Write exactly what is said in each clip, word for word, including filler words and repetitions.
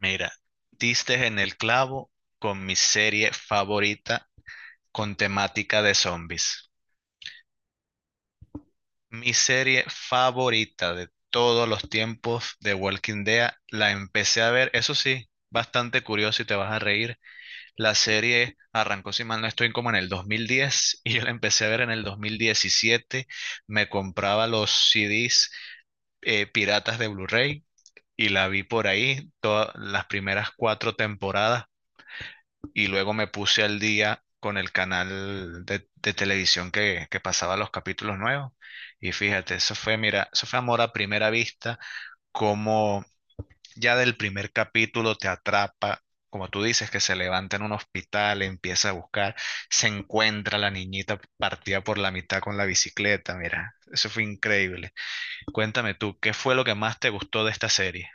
Mira, diste en el clavo con mi serie favorita con temática de zombies. Mi serie favorita de todos los tiempos de Walking Dead la empecé a ver, eso sí, bastante curioso y te vas a reír. La serie arrancó, si mal no estoy, como en el dos mil diez y yo la empecé a ver en el dos mil diecisiete. Me compraba los C Ds eh, piratas de Blu-ray y la vi por ahí todas las primeras cuatro temporadas y luego me puse al día con el canal de, de televisión que, que pasaba los capítulos nuevos. Y fíjate, eso fue, mira, eso fue amor a primera vista, como ya del primer capítulo te atrapa, como tú dices, que se levanta en un hospital, empieza a buscar, se encuentra la niñita partida por la mitad con la bicicleta, mira, eso fue increíble. Cuéntame tú, ¿qué fue lo que más te gustó de esta serie?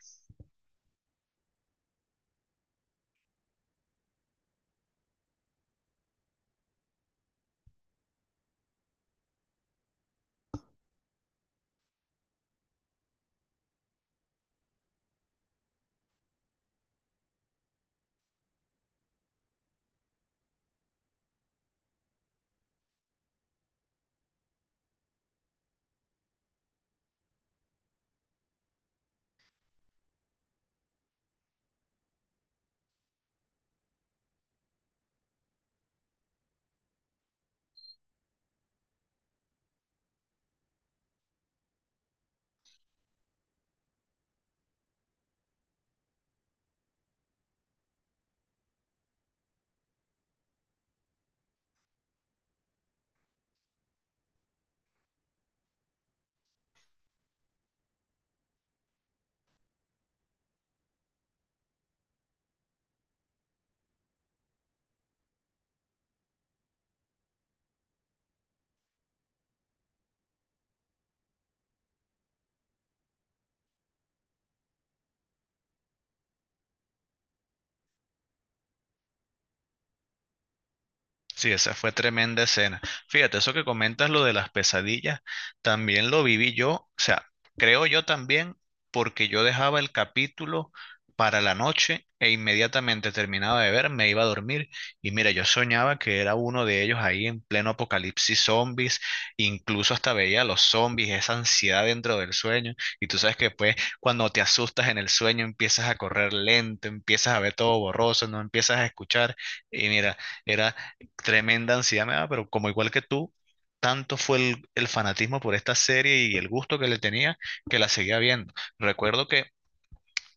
Sí, esa fue tremenda escena. Fíjate, eso que comentas, lo de las pesadillas, también lo viví yo, o sea, creo yo también, porque yo dejaba el capítulo para la noche e inmediatamente terminaba de ver, me iba a dormir y mira, yo soñaba que era uno de ellos ahí en pleno apocalipsis zombies, incluso hasta veía a los zombies, esa ansiedad dentro del sueño y tú sabes que pues cuando te asustas en el sueño empiezas a correr lento, empiezas a ver todo borroso, no empiezas a escuchar y mira, era tremenda ansiedad me daba, pero como igual que tú, tanto fue el, el fanatismo por esta serie y el gusto que le tenía que la seguía viendo. Recuerdo que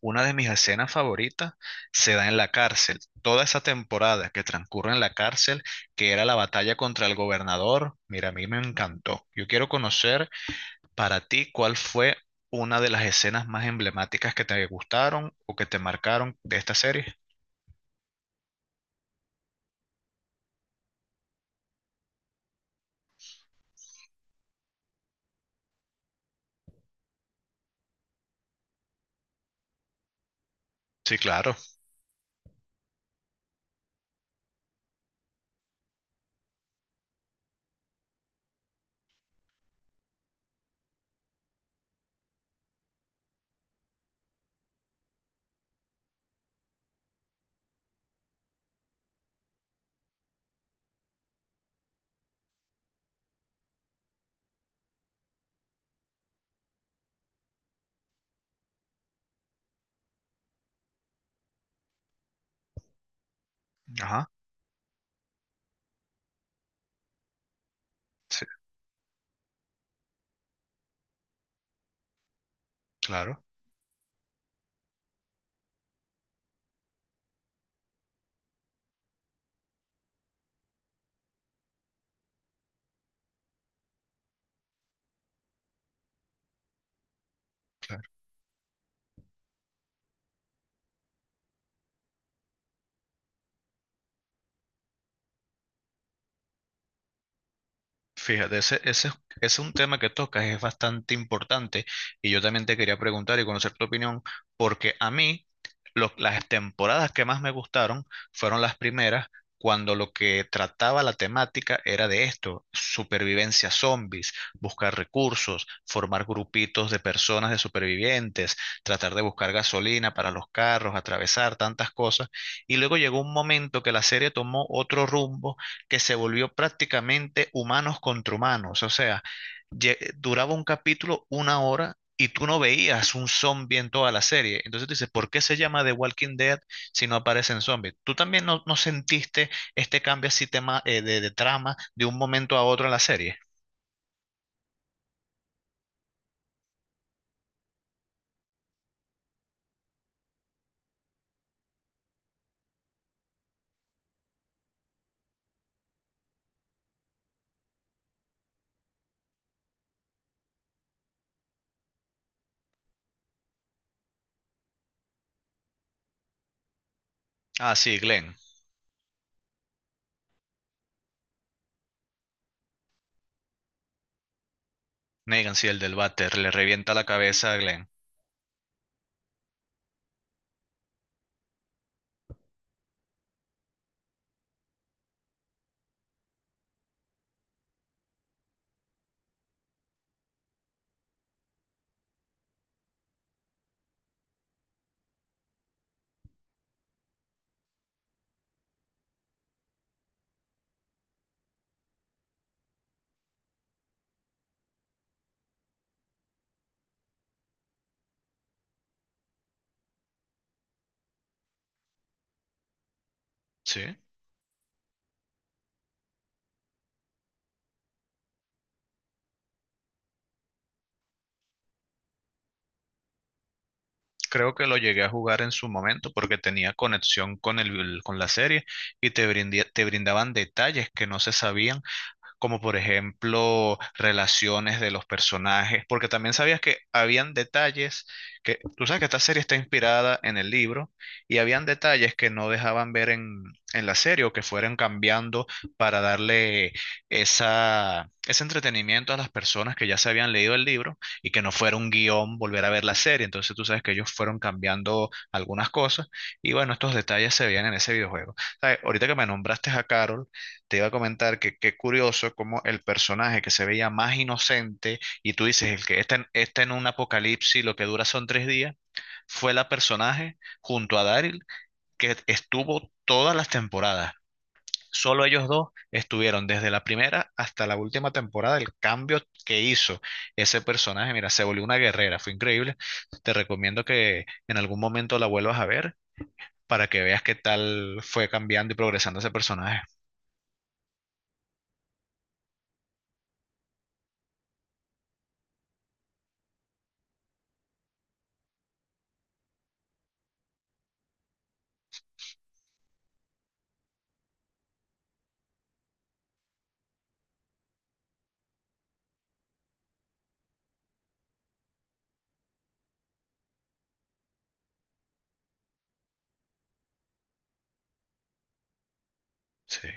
una de mis escenas favoritas se da en la cárcel. Toda esa temporada que transcurre en la cárcel, que era la batalla contra el gobernador, mira, a mí me encantó. Yo quiero conocer para ti cuál fue una de las escenas más emblemáticas que te gustaron o que te marcaron de esta serie. Sí, claro. Ajá. Sí, claro. Claro. Fíjate, ese, ese, es ese es un tema que tocas, es bastante importante y yo también te quería preguntar y conocer tu opinión, porque a mí lo- las temporadas que más me gustaron fueron las primeras, cuando lo que trataba la temática era de esto, supervivencia zombies, buscar recursos, formar grupitos de personas de supervivientes, tratar de buscar gasolina para los carros, atravesar tantas cosas, y luego llegó un momento que la serie tomó otro rumbo que se volvió prácticamente humanos contra humanos. O sea, lle- duraba un capítulo una hora y tú no veías un zombie en toda la serie. Entonces tú dices, ¿por qué se llama The Walking Dead si no aparecen zombies? ¿Tú también no, no sentiste este cambio así tema, eh, de, de trama de un momento a otro en la serie? Ah, sí, Glenn. Negan, sí, el del váter, le revienta la cabeza a Glenn. Sí. Creo que lo llegué a jugar en su momento porque tenía conexión con el, con la serie y te brindía- te brindaban detalles que no se sabían como por ejemplo relaciones de los personajes, porque también sabías que habían detalles que, tú sabes que esta serie está inspirada en el libro y habían detalles que no dejaban ver en, en la serie o que fueran cambiando para darle esa, ese entretenimiento a las personas que ya se habían leído el libro y que no fuera un guión volver a ver la serie. Entonces tú sabes que ellos fueron cambiando algunas cosas y bueno, estos detalles se veían en ese videojuego. ¿Sabes? Ahorita que me nombraste a Carol, te iba a comentar que qué curioso como el personaje que se veía más inocente y tú dices, el que está en, está en un apocalipsis, lo que dura son tres días, fue la personaje junto a Daryl que estuvo todas las temporadas. Solo ellos dos estuvieron desde la primera hasta la última temporada. El cambio que hizo ese personaje, mira, se volvió una guerrera, fue increíble. Te recomiendo que en algún momento la vuelvas a ver para que veas qué tal fue cambiando y progresando ese personaje. Sí.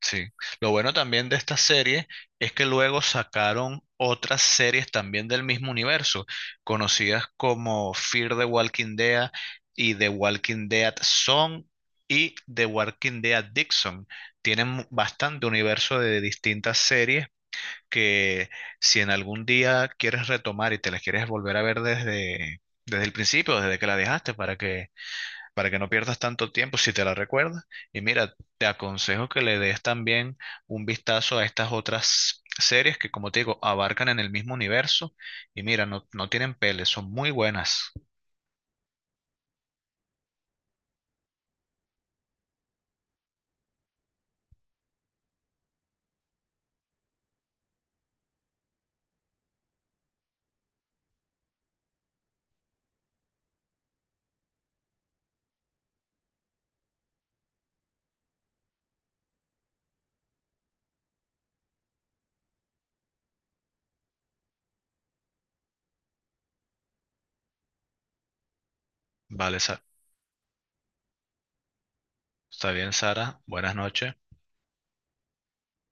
Sí, lo bueno también de esta serie es que luego sacaron otras series también del mismo universo, conocidas como Fear the Walking Dead y The Walking Dead Zone y The Walking Dead Dixon. Tienen mu- bastante universo de distintas series que si en algún día quieres retomar y te las quieres volver a ver desde, desde el principio, desde que la dejaste, para que para que no pierdas tanto tiempo si te la recuerdas. Y mira, te aconsejo que le des también un vistazo a estas otras series que, como te digo, abarcan en el mismo universo. Y mira, no, no tienen pele, son muy buenas. Vale, Sa- está bien, Sara. Buenas noches.